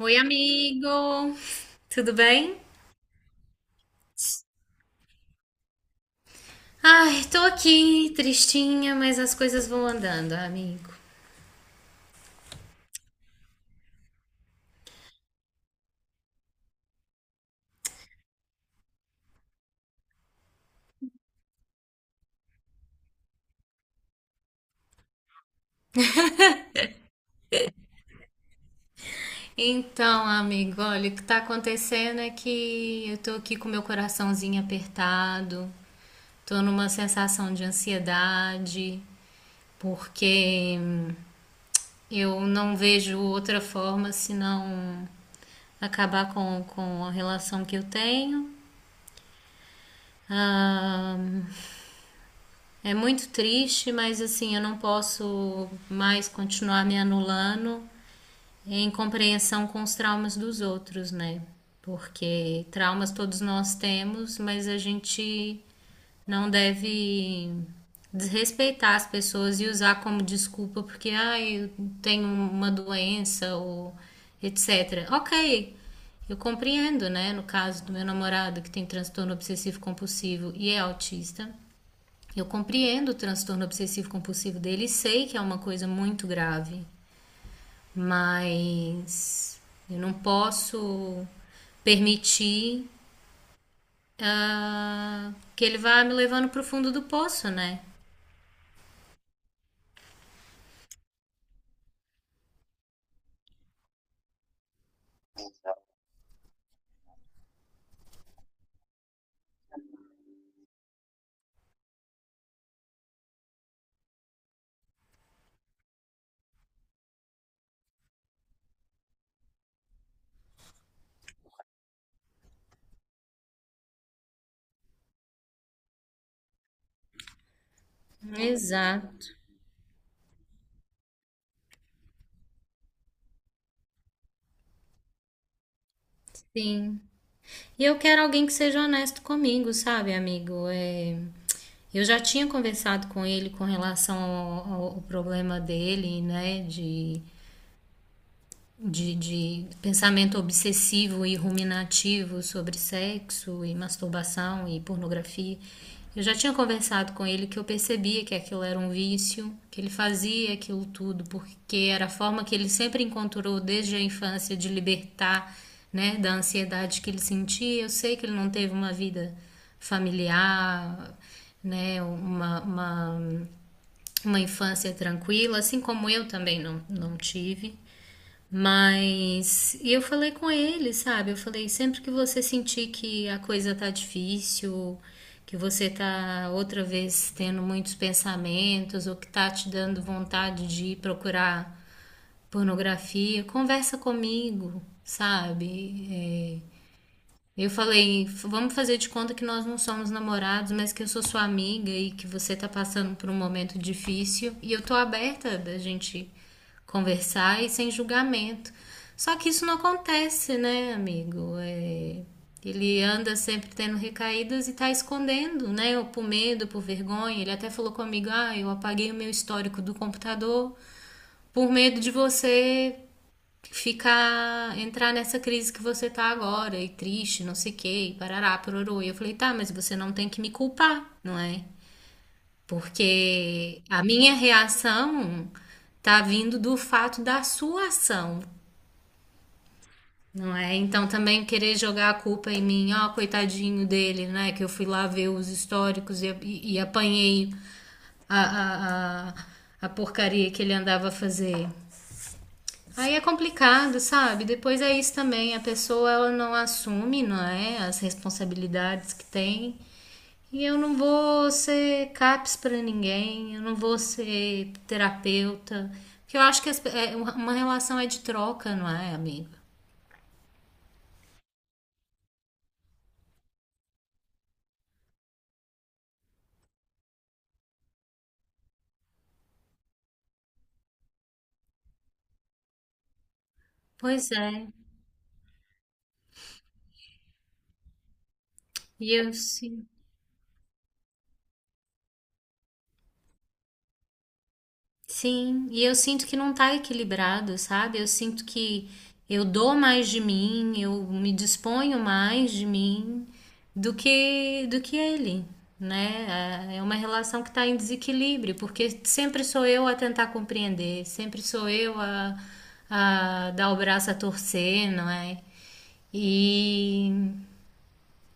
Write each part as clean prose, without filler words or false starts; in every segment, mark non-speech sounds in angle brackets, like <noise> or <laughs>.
Oi, amigo! Tudo bem? Ai, tô aqui tristinha, mas as coisas vão andando, amigo. Então, amigo, olha, o que tá acontecendo é que eu tô aqui com meu coraçãozinho apertado, tô numa sensação de ansiedade, porque eu não vejo outra forma senão acabar com a relação que eu tenho. Ah, é muito triste, mas assim, eu não posso mais continuar me anulando em compreensão com os traumas dos outros, né? Porque traumas todos nós temos, mas a gente não deve desrespeitar as pessoas e usar como desculpa porque ah, eu tenho uma doença ou etc. Ok, eu compreendo, né? No caso do meu namorado que tem transtorno obsessivo compulsivo e é autista, eu compreendo o transtorno obsessivo compulsivo dele e sei que é uma coisa muito grave, mas eu não posso permitir ah, que ele vá me levando para o fundo do poço, né? Exato, sim. E eu quero alguém que seja honesto comigo, sabe, amigo? É, eu já tinha conversado com ele com relação ao, ao problema dele, né, de pensamento obsessivo e ruminativo sobre sexo e masturbação e pornografia. Eu já tinha conversado com ele que eu percebia que aquilo era um vício, que ele fazia aquilo tudo porque era a forma que ele sempre encontrou desde a infância de libertar, né, da ansiedade que ele sentia. Eu sei que ele não teve uma vida familiar, né, uma infância tranquila, assim como eu também não, não tive. Mas eu falei com ele, sabe? Eu falei, sempre que você sentir que a coisa tá difícil, que você tá outra vez tendo muitos pensamentos, ou que tá te dando vontade de ir procurar pornografia, conversa comigo, sabe? É, eu falei, vamos fazer de conta que nós não somos namorados, mas que eu sou sua amiga e que você tá passando por um momento difícil. E eu tô aberta da gente conversar e sem julgamento. Só que isso não acontece, né, amigo? É, ele anda sempre tendo recaídas e tá escondendo, né? Ou por medo, por vergonha. Ele até falou comigo: ah, eu apaguei o meu histórico do computador por medo de você ficar, entrar nessa crise que você tá agora, e triste, não sei o quê, e parará, pororô. E eu falei, tá, mas você não tem que me culpar, não é? Porque a minha reação tá vindo do fato da sua ação, não é? Então também querer jogar a culpa em mim, ó, coitadinho dele, né? Que eu fui lá ver os históricos e apanhei a, a, a, a porcaria que ele andava a fazer. Aí é complicado, sabe? Depois é isso também, a pessoa ela não assume, não é, as responsabilidades que tem. E eu não vou ser CAPS para ninguém, eu não vou ser terapeuta, porque eu acho que uma relação é de troca, não é, amiga? Pois é. E eu sim. Sim, e eu sinto que não tá equilibrado, sabe? Eu sinto que eu dou mais de mim, eu me disponho mais de mim do que ele, né? É uma relação que tá em desequilíbrio, porque sempre sou eu a tentar compreender, sempre sou eu a dar o braço a torcer, não é? E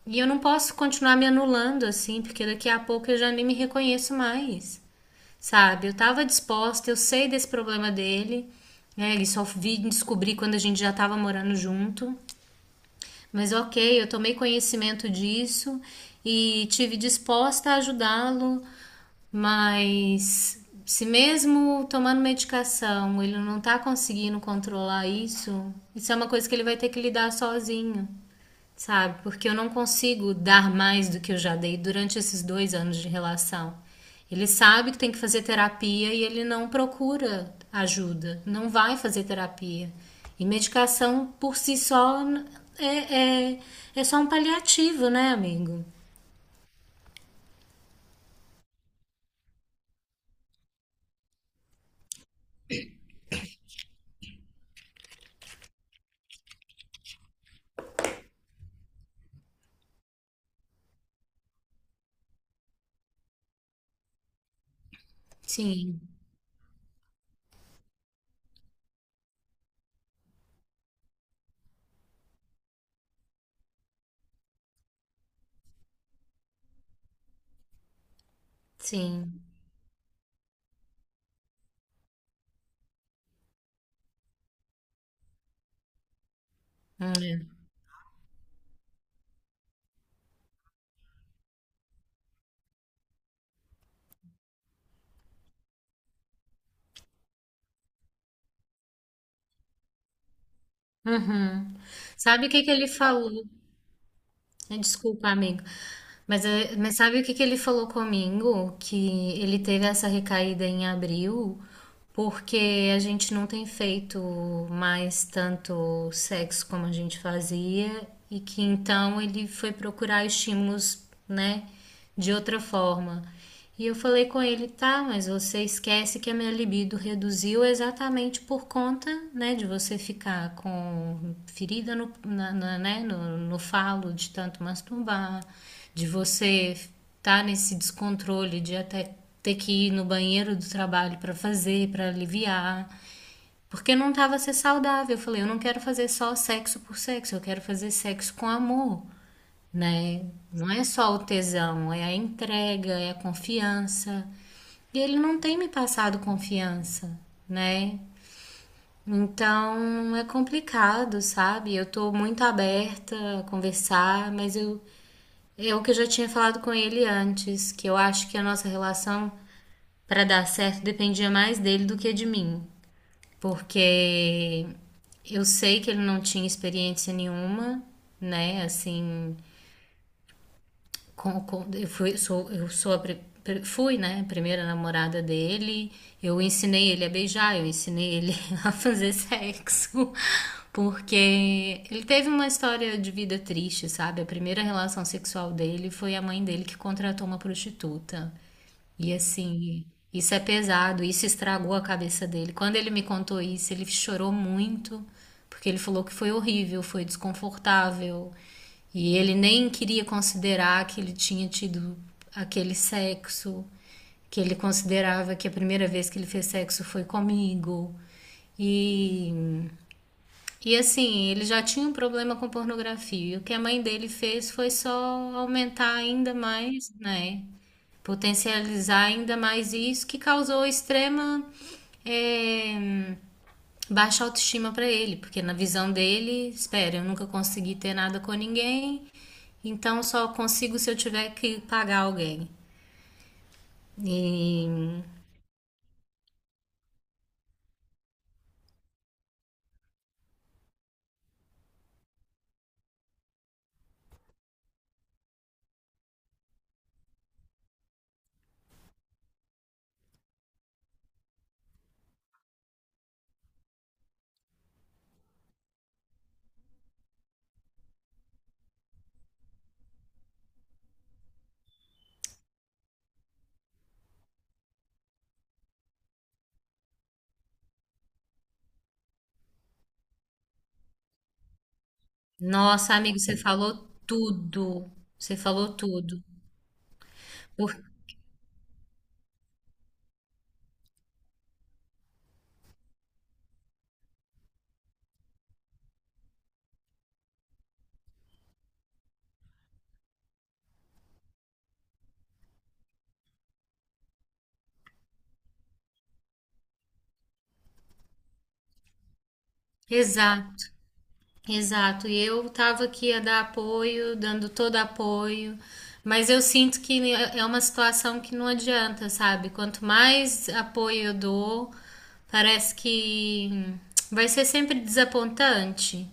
e eu não posso continuar me anulando assim, porque daqui a pouco eu já nem me reconheço mais. Sabe? Eu tava disposta, eu sei desse problema dele, né? Ele só vi descobrir quando a gente já tava morando junto. Mas ok, eu tomei conhecimento disso e tive disposta a ajudá-lo, mas se mesmo tomando medicação ele não tá conseguindo controlar isso, isso é uma coisa que ele vai ter que lidar sozinho, sabe? Porque eu não consigo dar mais do que eu já dei durante esses dois anos de relação. Ele sabe que tem que fazer terapia e ele não procura ajuda, não vai fazer terapia. E medicação por si só é, é, é só um paliativo, né, amigo? Sim, sim. É. Uhum. Sabe o que que ele falou? É, desculpa, amigo. Mas, mas sabe o que que ele falou comigo? Que ele teve essa recaída em abril, porque a gente não tem feito mais tanto sexo como a gente fazia, e que então ele foi procurar estímulos, né, de outra forma. E eu falei com ele, tá, mas você esquece que a minha libido reduziu exatamente por conta, né, de você ficar com ferida no falo de tanto masturbar, de você estar tá nesse descontrole de até ter que ir no banheiro do trabalho para fazer, para aliviar. Porque não tava a ser saudável. Eu falei, eu não quero fazer só sexo por sexo, eu quero fazer sexo com amor, né? Não é só o tesão, é a entrega, é a confiança. E ele não tem me passado confiança, né? Então é complicado, sabe? Eu tô muito aberta a conversar, mas eu é o que eu já tinha falado com ele antes, que eu acho que a nossa relação para dar certo dependia mais dele do que de mim, porque eu sei que ele não tinha experiência nenhuma, né? Assim, eu sou a primeira namorada dele. Eu ensinei ele a beijar, eu ensinei ele <laughs> a fazer sexo, porque ele teve uma história de vida triste, sabe? A primeira relação sexual dele foi a mãe dele que contratou uma prostituta. E assim, isso é pesado, isso estragou a cabeça dele. Quando ele me contou isso, ele chorou muito. Porque ele falou que foi horrível, foi desconfortável. E ele nem queria considerar que ele tinha tido aquele sexo, que ele considerava que a primeira vez que ele fez sexo foi comigo. E, e assim, ele já tinha um problema com pornografia. E o que a mãe dele fez foi só aumentar ainda mais, né? Potencializar ainda mais isso, que causou extrema eh, baixa autoestima para ele, porque na visão dele, espera, eu nunca consegui ter nada com ninguém, então só consigo se eu tiver que pagar alguém. E nossa, amigo, você falou tudo. Você falou tudo. Por... Exato. Exato, e eu estava aqui a dar apoio, dando todo apoio, mas eu sinto que é uma situação que não adianta, sabe? Quanto mais apoio eu dou, parece que vai ser sempre desapontante.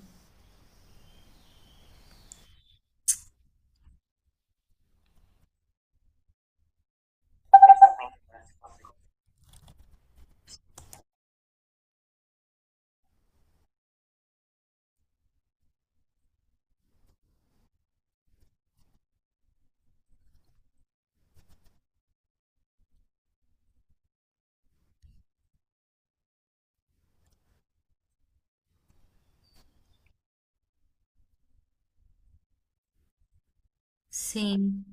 Sim,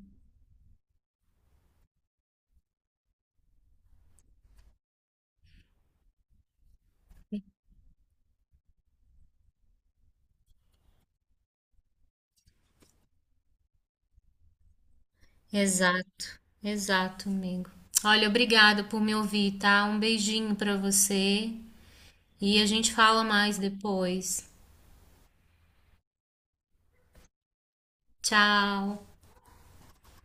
exato, exato, amigo. Olha, obrigado por me ouvir, tá? Um beijinho pra você e a gente fala mais depois. Tchau.